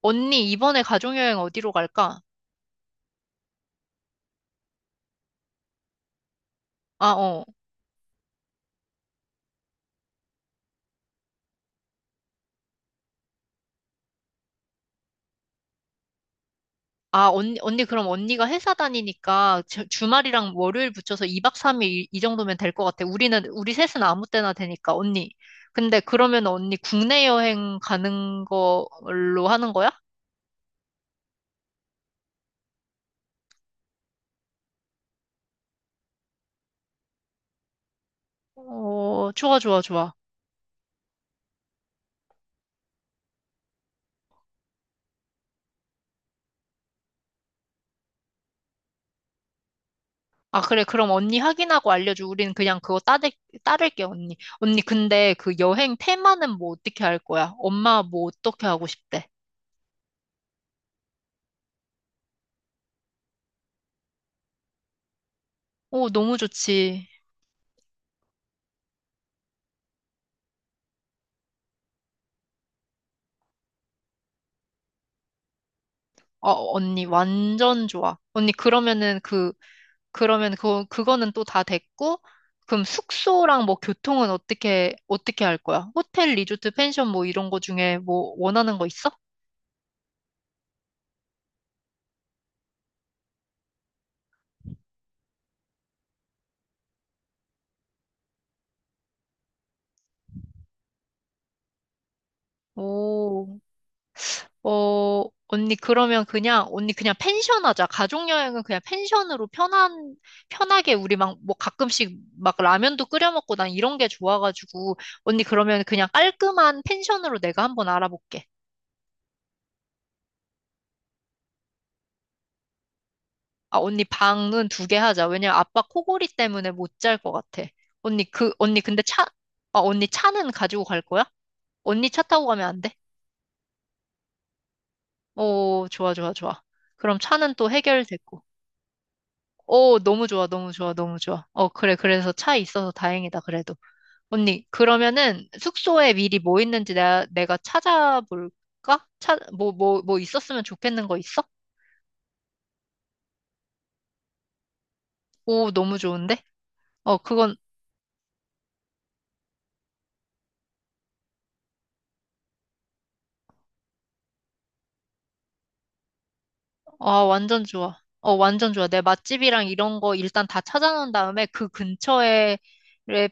언니, 이번에 가족여행 어디로 갈까? 아, 어. 아, 언니, 그럼 언니가 회사 다니니까 주말이랑 월요일 붙여서 2박 3일 이 정도면 될 것 같아. 우리 셋은 아무 때나 되니까, 언니. 근데 그러면 언니 국내 여행 가는 걸로 하는 거야? 어, 좋아, 좋아, 좋아. 아, 그래. 그럼 언니 확인하고 알려줘. 우리는 그냥 그거 따를게, 언니. 언니, 근데 그 여행 테마는 뭐 어떻게 할 거야? 엄마 뭐 어떻게 하고 싶대? 오, 너무 좋지. 어, 언니, 완전 좋아. 언니, 그러면은 그, 그러면 그, 그거는 또 다 됐고, 그럼 숙소랑 뭐 교통은 어떻게 할 거야? 호텔, 리조트, 펜션 뭐 이런 거 중에 뭐 원하는 거 있어? 오, 어, 언니, 그러면 그냥, 언니 그냥 펜션 하자. 가족여행은 그냥 펜션으로 편하게 우리 막, 뭐 가끔씩 막 라면도 끓여 먹고 난 이런 게 좋아가지고, 언니 그러면 그냥 깔끔한 펜션으로 내가 한번 알아볼게. 아, 언니 방은 두 개 하자. 왜냐면 아빠 코골이 때문에 못 잘 것 같아. 언니 근데 차, 아, 언니 차는 가지고 갈 거야? 언니 차 타고 가면 안 돼? 오, 좋아, 좋아, 좋아. 그럼 차는 또 해결됐고. 오, 너무 좋아, 너무 좋아, 너무 좋아. 어, 그래, 그래서 차 있어서 다행이다, 그래도. 언니, 그러면은 숙소에 미리 뭐 있는지 내가 찾아볼까? 차, 뭐 있었으면 좋겠는 거 있어? 오, 너무 좋은데? 어, 그건, 아, 완전 좋아. 어, 완전 좋아. 내 맛집이랑 이런 거 일단 다 찾아놓은 다음에 그 근처에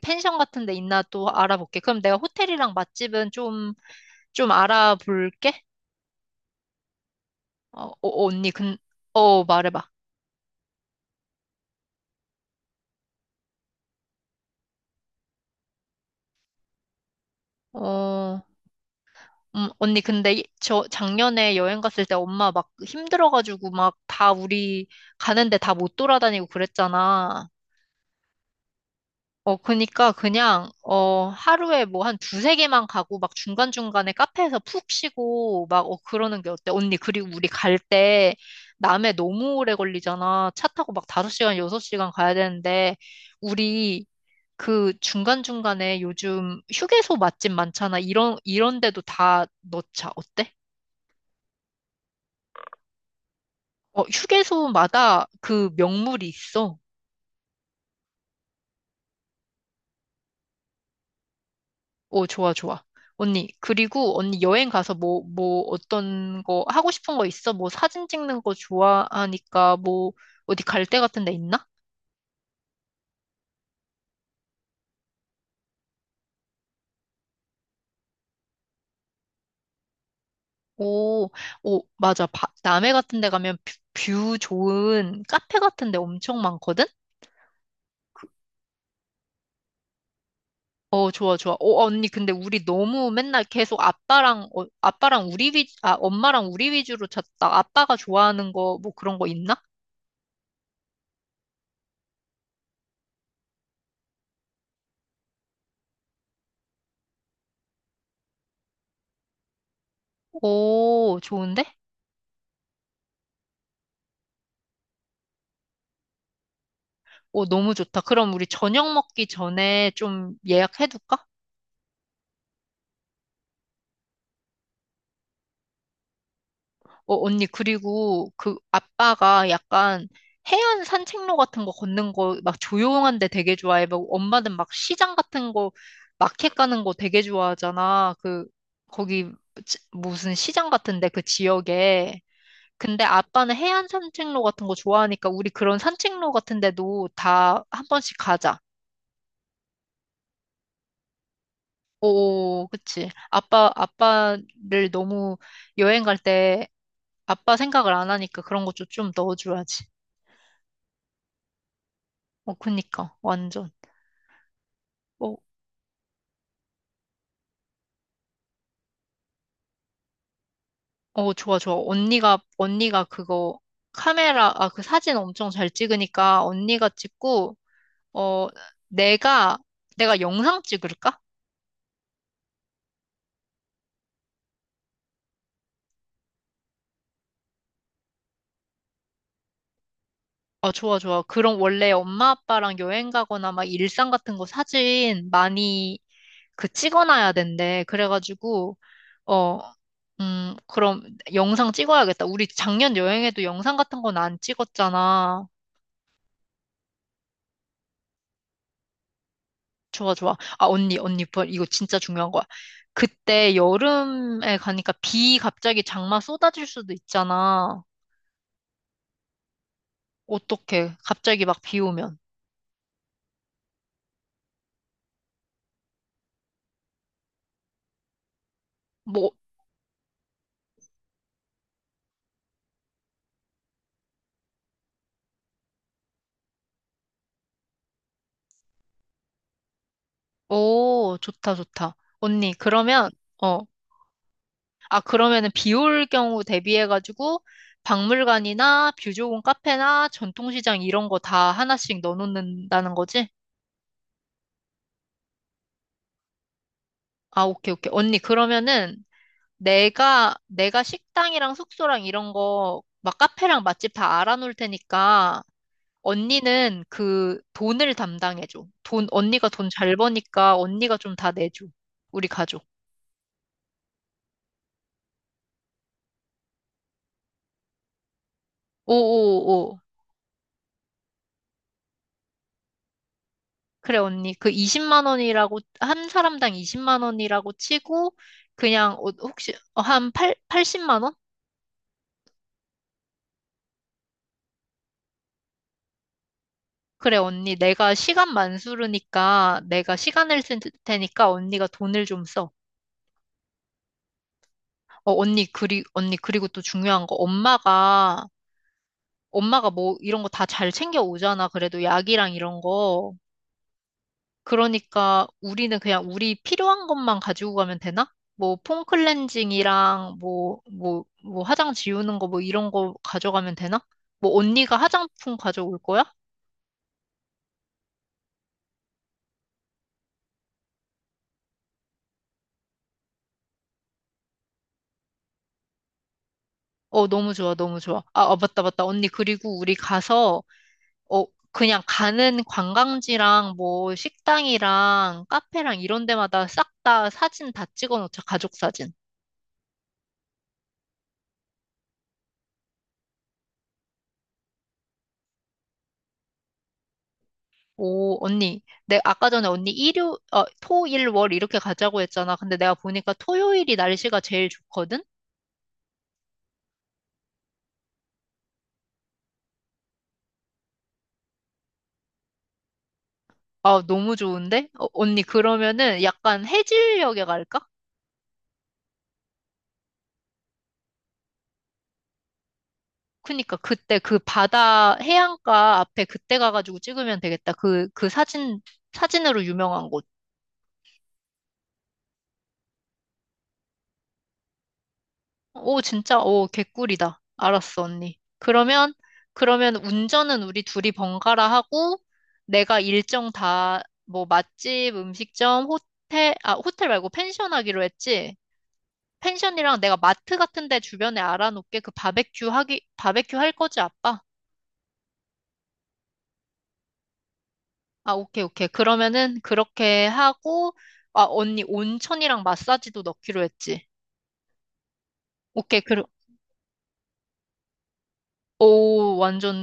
펜션 같은 데 있나 또 알아볼게. 그럼 내가 호텔이랑 맛집은 좀 알아볼게. 어, 언니, 근, 어, 말해봐. 어, 언니, 근데 저 작년에 여행 갔을 때 엄마 막 힘들어가지고 막 다 우리 가는데 다 못 돌아다니고 그랬잖아. 어, 그니까 그냥, 어, 하루에 뭐 한 두세 개만 가고 막 중간중간에 카페에서 푹 쉬고 막, 어, 그러는 게 어때? 언니, 그리고 우리 갈 때 남해 너무 오래 걸리잖아. 차 타고 막 5시간 6시간 가야 되는데, 우리 그 중간중간에 요즘 휴게소 맛집 많잖아. 이런 데도 다 넣자. 어때? 어, 휴게소마다 그 명물이 있어. 오, 좋아, 좋아. 언니, 그리고 언니 여행 가서 뭐, 어떤 거, 하고 싶은 거 있어? 뭐 사진 찍는 거 좋아하니까 뭐, 어디 갈 데 같은 데 있나? 오, 오, 맞아. 남해 같은 데 가면 뷰 좋은 카페 같은 데 엄청 많거든? 어, 좋아, 좋아. 어, 언니, 근데 우리 너무 맨날 계속 아빠랑 엄마랑 우리 위주로 찾다. 아빠가 좋아하는 거, 뭐 그런 거 있나? 오, 좋은데? 오, 너무 좋다. 그럼 우리 저녁 먹기 전에 좀 예약해둘까? 어, 언니, 그리고 그 아빠가 약간 해안 산책로 같은 거 걷는 거 막 조용한 데 되게 좋아해. 막 엄마는 막 시장 같은 거 마켓 가는 거 되게 좋아하잖아. 거기 무슨 시장 같은데 그 지역에. 근데 아빠는 해안 산책로 같은 거 좋아하니까 우리 그런 산책로 같은 데도 다 한 번씩 가자. 오, 그치. 아빠를 너무 여행 갈 때 아빠 생각을 안 하니까 그런 것도 좀 넣어줘야지. 어, 그니까. 완전. 어, 어, 좋아, 좋아. 언니가 그거 그 사진 엄청 잘 찍으니까 언니가 찍고, 어, 내가, 내가 영상 찍을까? 아, 좋아, 좋아. 그럼 원래 엄마 아빠랑 여행 가거나 막 일상 같은 거 사진 많이 그 찍어놔야 된대. 그래가지고, 어, 그럼 영상 찍어야겠다. 우리 작년 여행에도 영상 같은 건 안 찍었잖아. 좋아, 좋아. 아, 언니, 이거 진짜 중요한 거야. 그때 여름에 가니까 비 갑자기 장마 쏟아질 수도 있잖아. 어떡해. 갑자기 막 비 오면. 뭐, 오, 좋다, 좋다. 언니, 그러면, 어, 아, 그러면은 비올 경우 대비해가지고 박물관이나 뷰조공 카페나 전통시장 이런 거 다 하나씩 넣어놓는다는 거지? 아, 오케이, 오케이. 언니, 그러면은 내가 식당이랑 숙소랑 이런 거, 막 카페랑 맛집 다 알아놓을 테니까 언니는 그 돈을 담당해줘. 돈, 언니가 돈 잘 버니까 언니가 좀 다 내줘. 우리 가족. 오오오. 그래, 언니. 그 20만 원이라고, 한 사람당 20만 원이라고 치고, 그냥, 어, 혹시, 어, 한 8, 80만 원? 그래, 언니. 내가 시간 만수르니까, 내가 시간을 쓸 테니까 언니가 돈을 좀 써. 어, 언니, 언니, 그리고 또 중요한 거, 엄마가 뭐, 이런 거 다 잘 챙겨 오잖아. 그래도 약이랑 이런 거. 그러니까 우리는 그냥 우리 필요한 것만 가지고 가면 되나? 뭐 폼 클렌징이랑 뭐 화장 지우는 거 뭐 이런 거 가져가면 되나? 뭐 언니가 화장품 가져올 거야? 어, 너무 좋아, 너무 좋아. 아, 아, 맞다, 맞다. 언니, 그리고 우리 가서, 어, 그냥 가는 관광지랑 뭐 식당이랑 카페랑 이런 데마다 싹 다 사진 다 찍어 놓자, 가족 사진. 오, 언니. 내 아까 전에 언니 토, 일, 월 이렇게 가자고 했잖아. 근데 내가 보니까 토요일이 날씨가 제일 좋거든? 아, 너무 좋은데? 어, 언니, 그러면은 약간 해질녘에 갈까? 그니까 그때 그 바다, 해안가 앞에 그때 가가지고 찍으면 되겠다. 그 사진으로 유명한 곳. 오, 진짜? 오, 개꿀이다. 알았어, 언니. 그러면 운전은 우리 둘이 번갈아 하고, 내가 일정 다, 뭐, 맛집, 음식점, 호텔, 아, 호텔 말고 펜션 하기로 했지? 펜션이랑 내가 마트 같은 데 주변에 알아놓게 그 바베큐 할 거지, 아빠? 아, 오케이, 오케이. 그러면은 그렇게 하고, 아, 언니 온천이랑 마사지도 넣기로 했지? 오케이, 그럼, 오, 완전